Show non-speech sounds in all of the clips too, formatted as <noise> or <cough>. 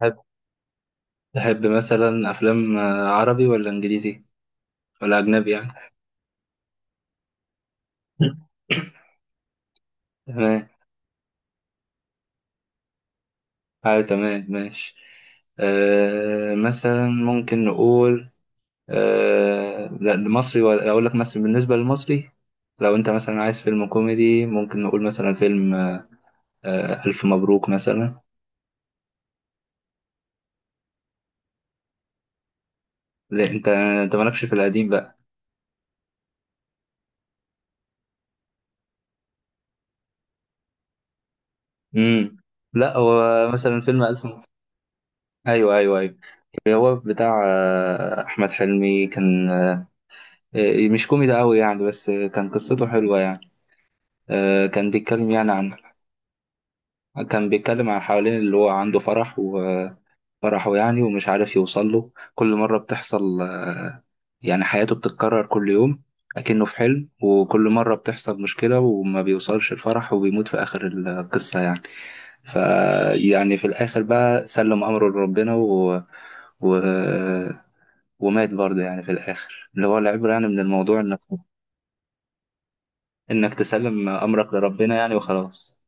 هت- تحب مثلا أفلام عربي ولا إنجليزي ولا أجنبي يعني؟ <laughs> تمام. تمام، ماشي. مثلا ممكن نقول لا، المصري. ولا أقول لك مثلا، بالنسبة للمصري لو أنت مثلا عايز فيلم كوميدي، ممكن نقول مثلا فيلم ألف مبروك مثلا. لا، أنت مالكش في القديم بقى. مم. لا، هو مثلا فيلم ألف مبروك. أيوه، أيوه، أيوه. هو بتاع أحمد حلمي كان. مش كوميدي قوي يعني، بس كان قصته حلوة يعني. كان بيتكلم يعني عن... كان بيتكلم عن، حوالين اللي هو عنده فرح وفرحه يعني، ومش عارف يوصل له. كل مرة بتحصل يعني حياته بتتكرر كل يوم، أكنه في حلم، وكل مرة بتحصل مشكلة وما بيوصلش الفرح، وبيموت في آخر القصة يعني. فيعني في الآخر بقى، سلم أمره لربنا و... ومات برضه يعني، في الآخر اللي هو العبرة يعني من الموضوع نفسه. انك تسلم امرك لربنا يعني، وخلاص.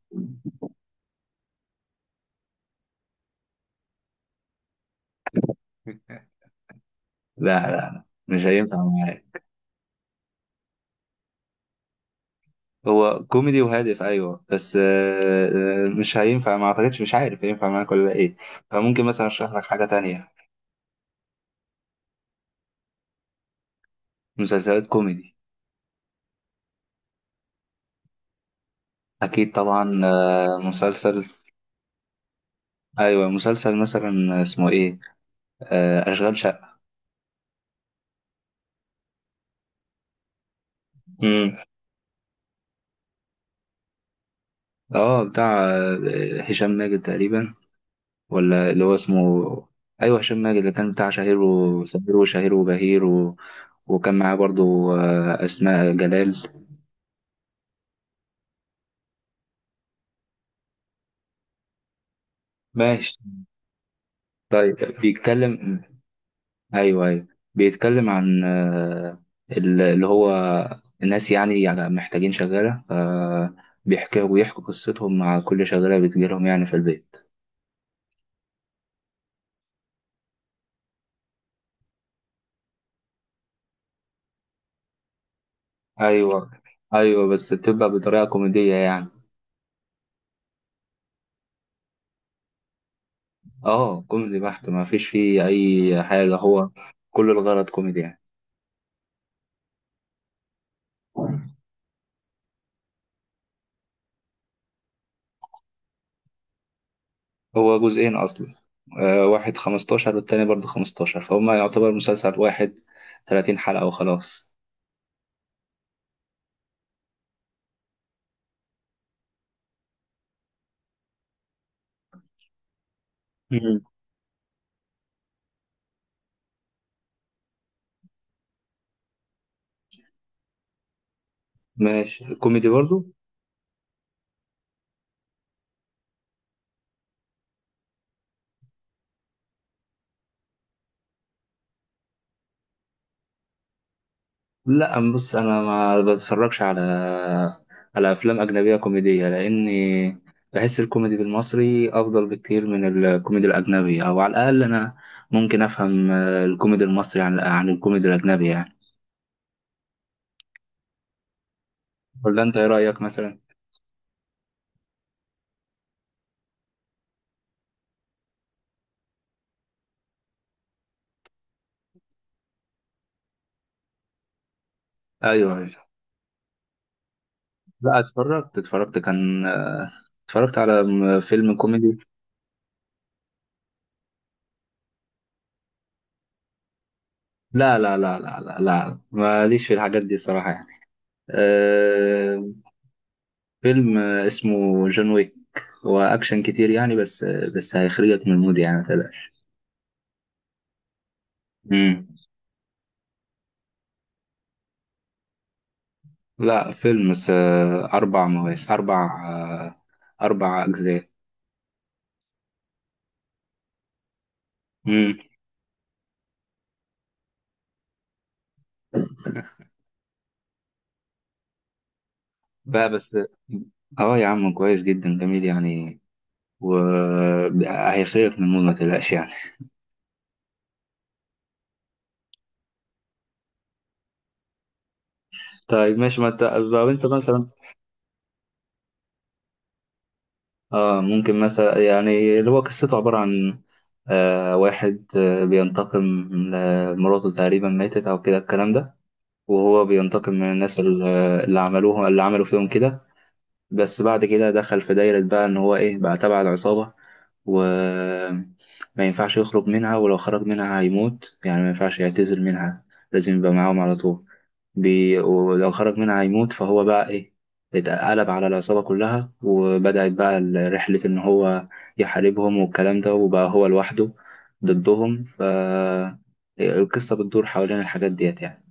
لا، لا، لا، مش هينفع معايا. هو كوميدي وهادف، ايوه، بس مش هينفع، ما اعتقدش، مش عارف هينفع معاك ولا ايه. فممكن مثلا اشرح لك حاجه تانية. مسلسلات كوميدي. اكيد طبعا. مسلسل... ايوه، مسلسل مثلا اسمه ايه؟ اشغال شقه. امم اه، بتاع هشام ماجد تقريبا. ولا اللي هو اسمه... ايوه، هشام ماجد، اللي كان بتاع شهير وسمير وشهير وبهير و... وكان معاه برضو اسماء جلال. ماشي، طيب. بيتكلم... ايوه، ايوه. بيتكلم عن اللي هو الناس، يعني محتاجين شغاله، فبيحكوا قصتهم مع كل شغاله بتجيلهم يعني في البيت. ايوه، ايوه، بس بتبقى بطريقه كوميديه يعني. اه، كوميدي بحت، ما فيش فيه اي حاجه. هو كل الغرض كوميدي يعني. هو جزئين أصلا، واحد 15 والتاني برضه 15، فهما يعتبر مسلسل واحد، 30 حلقة وخلاص. مم. ماشي، كوميدي برضه. لا، بص أنا ما بتفرجش على أفلام أجنبية كوميدية، لأني بحس الكوميدي بالمصري أفضل بكتير من الكوميدي الأجنبي. أو على الأقل أنا ممكن أفهم الكوميدي المصري عن الكوميدي الأجنبي يعني. ولا أنت إيه رأيك مثلا؟ أيوه. لا، اتفرجت. كان اتفرجت على فيلم كوميدي. لا، لا، لا، لا، لا، لا، ماليش في الحاجات دي الصراحة يعني. أه. فيلم اسمه جون ويك. هو أكشن كتير يعني، بس هيخرجك من المود يعني، متقلقش. مم. لا، فيلم، بس أربع مواسم، أربع أجزاء. مم. بقى بس... اه يا عم، كويس جدا، جميل يعني. وهيخرجك من المود، ما تقلقش يعني. طيب، ماشي. ما انت لو انت مثلا... ممكن مثلا، يعني اللي هو قصته عبارة عن واحد بينتقم لمراته، تقريبا ماتت أو كده الكلام ده، وهو بينتقم من الناس اللي... عملوه، اللي عملوا فيهم كده. بس بعد كده دخل في دايرة بقى، إن هو إيه بقى، تبع العصابة، و ما ينفعش يخرج منها، ولو خرج منها هيموت يعني، ما ينفعش يعتزل منها، لازم يبقى معاهم على طول. ولو خرج منها هيموت، فهو بقى إيه، اتقلب على العصابة كلها، وبدأت بقى رحلة إن هو يحاربهم والكلام ده، وبقى هو لوحده ضدهم. ف القصة بتدور حوالين الحاجات ديت يعني.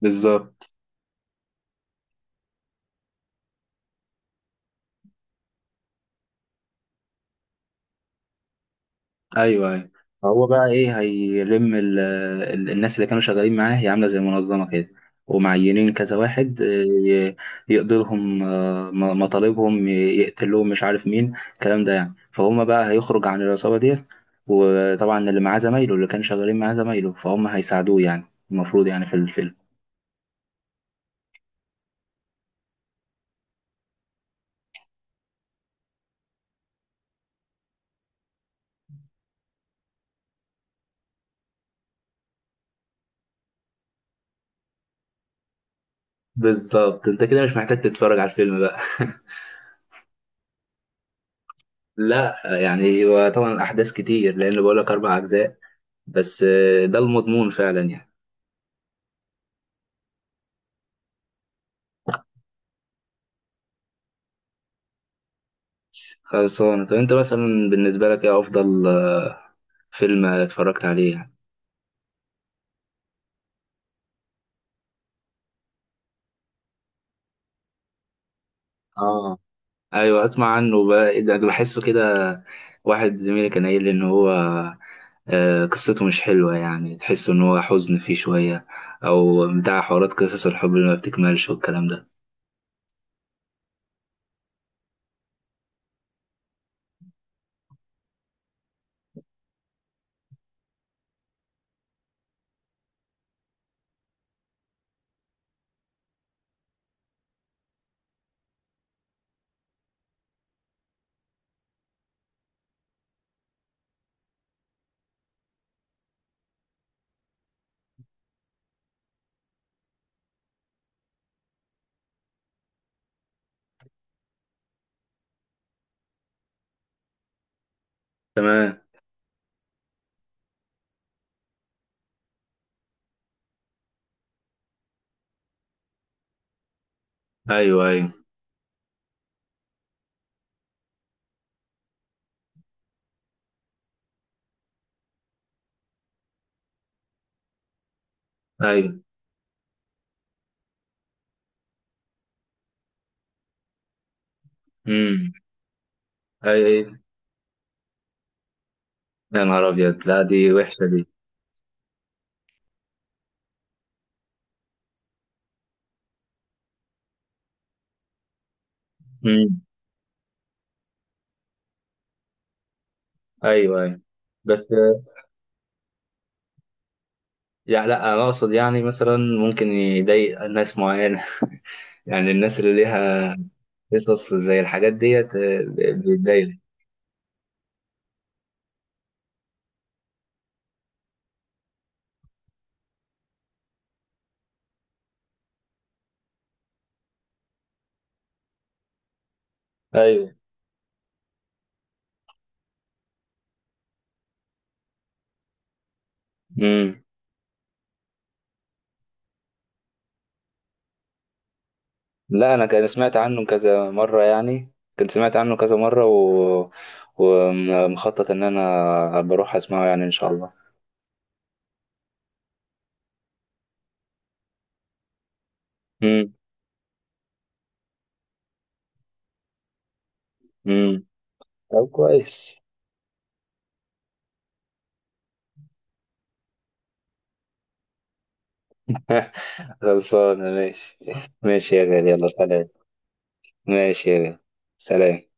بالظبط. ايوه، ايوه، هو بقى ايه، هيلم ال ال الناس اللي كانوا شغالين معاه. هي عامله زي منظمه كده، ومعينين كذا واحد ي- يقضي لهم مطالبهم، يقتل لهم، مش عارف مين، الكلام ده يعني. فهم بقى هيخرج عن العصابه ديت، وطبعا اللي معاه زمايله، اللي كانوا شغالين معاه زمايله، فهم هيساعدوه يعني، المفروض، يعني في الفيلم. بالظبط، انت كده مش محتاج تتفرج على الفيلم بقى. <laughs> لا، يعني هو طبعا احداث كتير، لان بقول لك اربع اجزاء، بس ده المضمون فعلا يعني. خلصانة. طب انت مثلا بالنسبة لك ايه افضل فيلم اتفرجت عليه يعني؟ اه، ايوه، اسمع عنه بقى. إيه ده، ده بحسه كده. واحد زميلي كان قايل لي ان هو قصته مش حلوة يعني، تحس ان هو حزن فيه شوية، او بتاع حوارات قصص الحب اللي ما بتكملش والكلام ده. تمام. ايوه، ايوه، ايوه. امم. ايوه، ايوه. يا نهار ابيض، لا دي وحشة دي. امم. ايوه، ايوه، بس يعني لا، انا اقصد يعني مثلا ممكن يضايق ناس معينة، يعني الناس اللي ليها قصص زي الحاجات ديت بتضايق. ايوه. امم. لا، انا كان سمعت عنه كذا مره يعني، كنت سمعت عنه كذا مره و... ومخطط ان انا بروح اسمعه يعني ان شاء الله. امم. امم. طب كويس. <laughs> خلصانه، ماشي. ماشي يا غالي، يلا سلام. ماشي يا غالي، سلام.